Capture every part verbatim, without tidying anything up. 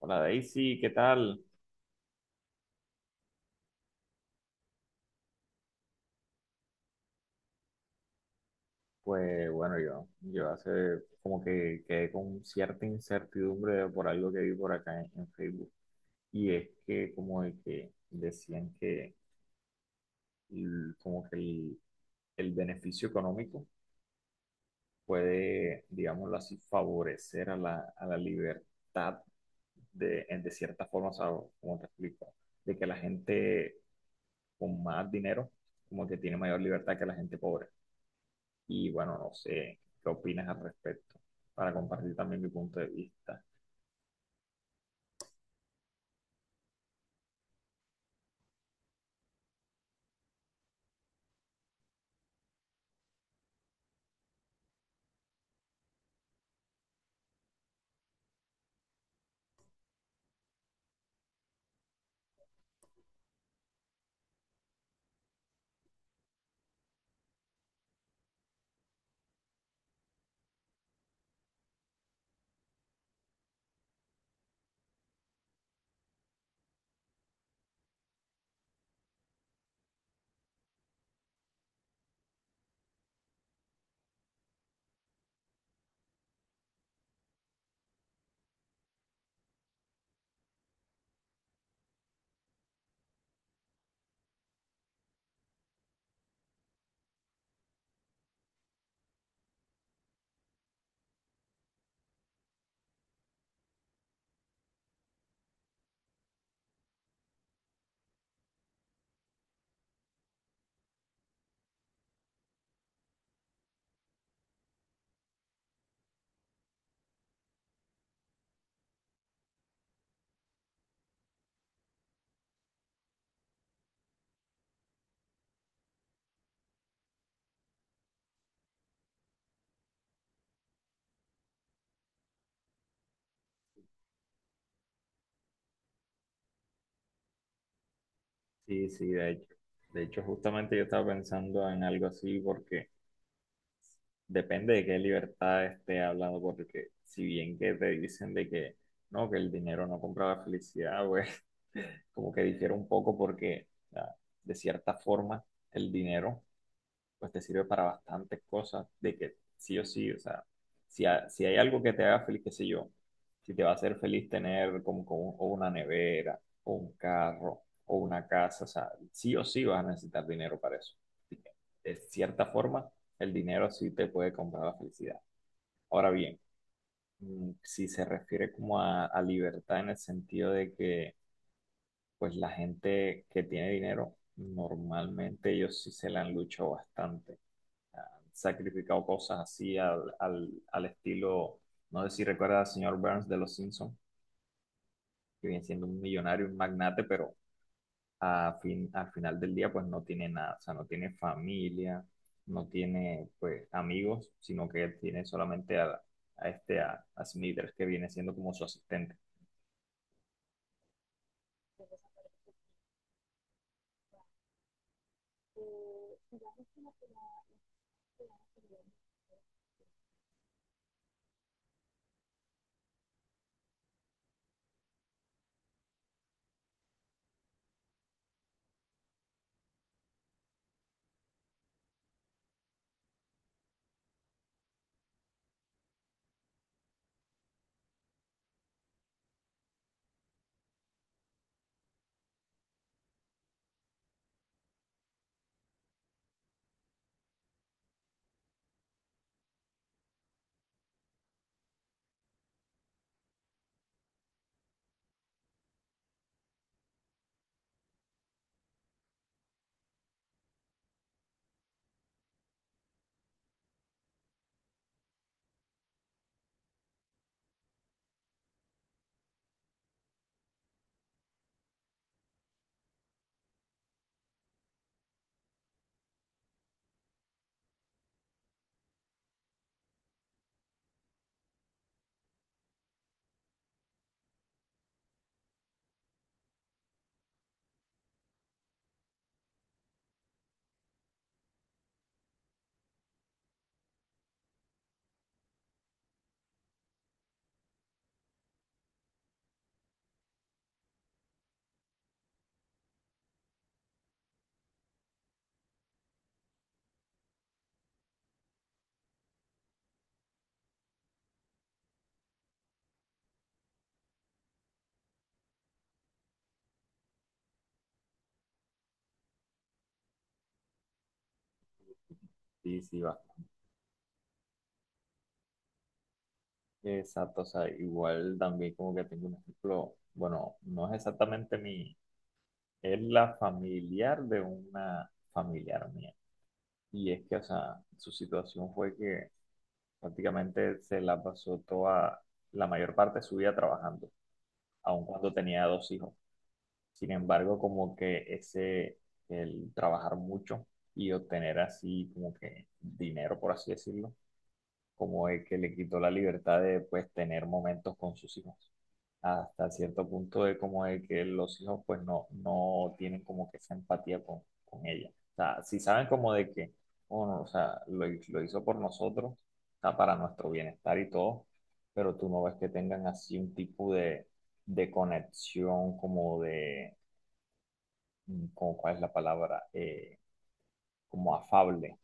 Hola Daisy, ¿qué tal? Pues bueno, yo, yo hace como que quedé con cierta incertidumbre por algo que vi por acá en, en Facebook. Y es que como de que decían que el- como que el, el beneficio económico puede, digámoslo así, favorecer a la, a la libertad de, en- de cierta forma, o sea, como te explico, de que la gente con más dinero como que tiene mayor libertad que la gente pobre. Y bueno, no sé qué opinas al respecto, para compartir también mi punto de vista. Sí, sí, de hecho. De hecho, justamente yo estaba pensando en algo así porque depende de qué libertad esté hablando, porque si bien que te dicen de que no, que el dinero no compra la felicidad, pues como que difiere un poco porque ah, de cierta forma el dinero pues te sirve para bastantes cosas, de que sí o sí, o sea, si, ha- si hay algo que te haga feliz, qué sé yo, si te va a hacer feliz tener como, como o una nevera, o un carro, o una casa, o sea, sí o sí vas a necesitar dinero para eso. Así que, de cierta forma, el dinero sí te puede comprar la felicidad. Ahora bien, mm, si se refiere como a, a libertad en el sentido de que, pues la gente que tiene dinero, normalmente ellos sí se la han luchado bastante, sacrificado cosas así al, al, al estilo, no sé si recuerda al señor Burns de Los Simpsons, que viene siendo un millonario, un magnate, pero a fin, al final del día pues no tiene nada, o sea, no tiene familia, no tiene pues amigos, sino que él tiene solamente a, a este, a, a Smithers, que viene siendo como su asistente. Sí, sí, va. Exacto, o sea, igual también como que tengo un ejemplo, bueno, no es exactamente mi, es la familiar de una familiar mía. Y es que, o sea, su situación fue que prácticamente se la pasó toda, la mayor parte de su vida trabajando, aun cuando tenía dos hijos. Sin embargo, como que ese, el trabajar mucho y obtener así como que dinero, por así decirlo, como el que le quitó la libertad de pues tener momentos con sus hijos. Hasta cierto punto es como de que los hijos pues no, no tienen como que esa empatía con, con ella. O sea, si saben como de que, bueno, o sea, lo, hi- lo hizo por nosotros, está para nuestro bienestar y todo, pero tú no ves que tengan así un tipo de, de conexión como de, mm, como, ¿cuál es la palabra? Eh, como afable.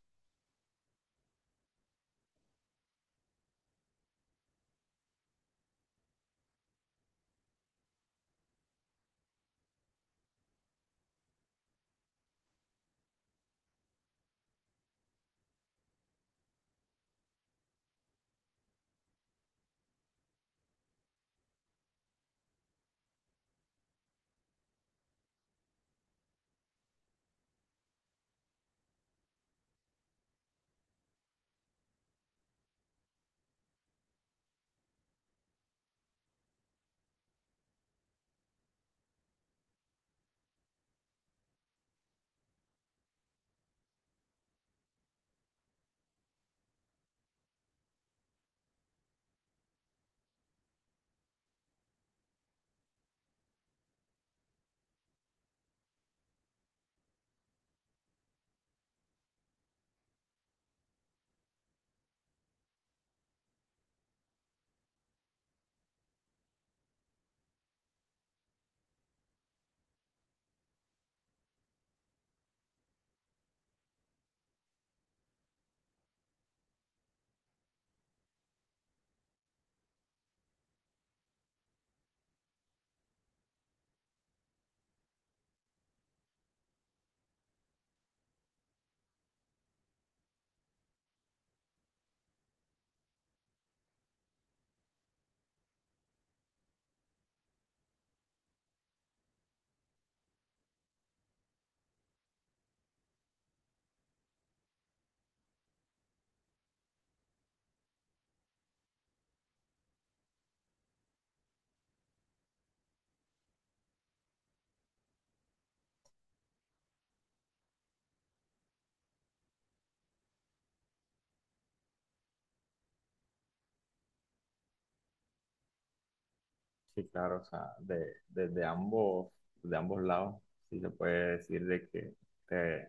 Sí, claro, o sea, de, desde ambos, de ambos lados, sí se puede decir de que te-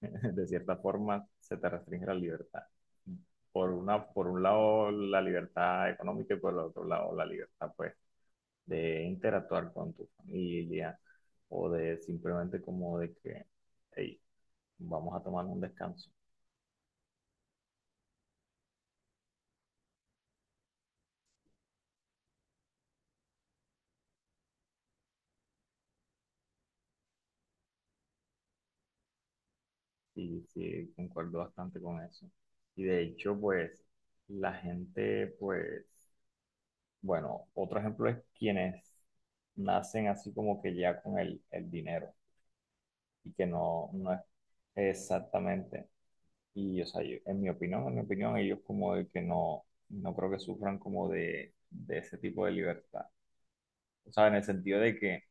de cierta forma se te restringe la libertad. Por una, por un lado la libertad económica y por el otro lado la libertad, pues, de interactuar con tu familia o de simplemente como de que, hey, vamos a tomar un descanso. Y sí, concuerdo bastante con eso. Y de hecho, pues, la gente, pues, bueno, otro ejemplo es quienes nacen así como que ya con el, el dinero y que no, no es exactamente. Y, o sea, yo- en mi opinión, en mi opinión, ellos como de que no, no creo que sufran como de, de ese tipo de libertad. O sea, en el sentido de que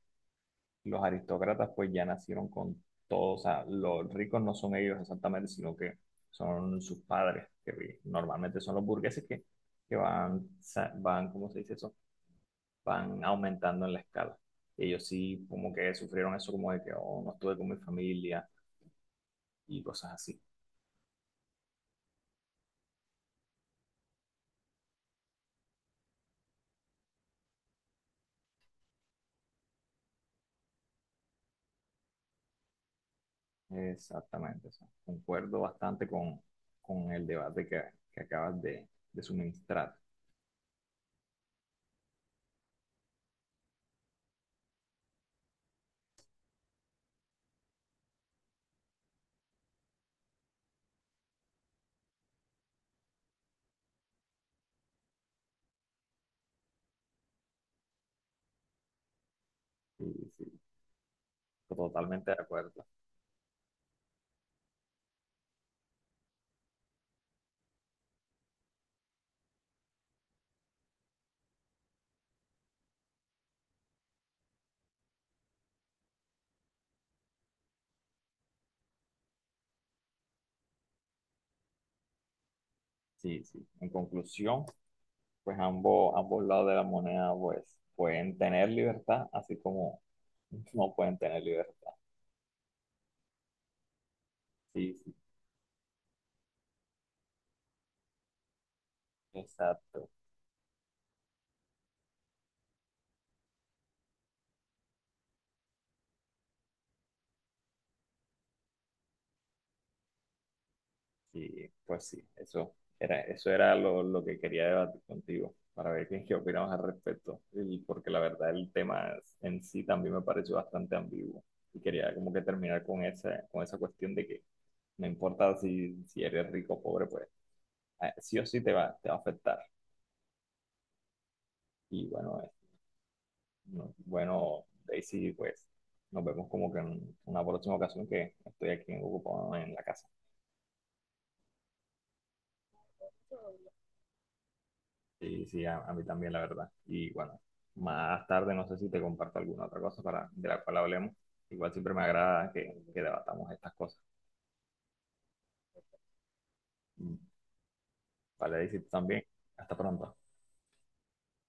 los aristócratas pues ya nacieron con todo, o sea, los ricos no son ellos exactamente, sino que son sus padres, que normalmente son los burgueses que, que van, sa- van, ¿cómo se dice eso? Van aumentando en la escala. Ellos sí como que sufrieron eso como de que oh, no estuve con mi familia y cosas así. Exactamente, o sea, concuerdo bastante con, con el debate que, que acabas de, de suministrar. Sí, sí, totalmente de acuerdo. Sí, sí. En conclusión, pues ambos, ambos lados de la moneda pues pueden tener libertad, así como no pueden tener libertad. Sí, sí, exacto. Y pues sí, eso era, eso era lo, lo que quería debatir contigo, para ver qué, qué opinamos al respecto. Y porque la verdad el tema en sí también me pareció bastante ambiguo. Y quería como que terminar con esa, con esa cuestión de que no importa si, si eres rico o pobre, pues eh, sí o sí te va, te va a afectar. Y bueno, eh, no- bueno, Daisy, pues nos vemos como que en una próxima ocasión que estoy aquí ocupado en la casa. Sí, sí, a, a mí también, la verdad. Y bueno, más tarde no sé si te comparto alguna otra cosa para, de la cual hablemos. Igual siempre me agrada que, que debatamos estas cosas. Mm. Vale, y si tú también. Hasta pronto.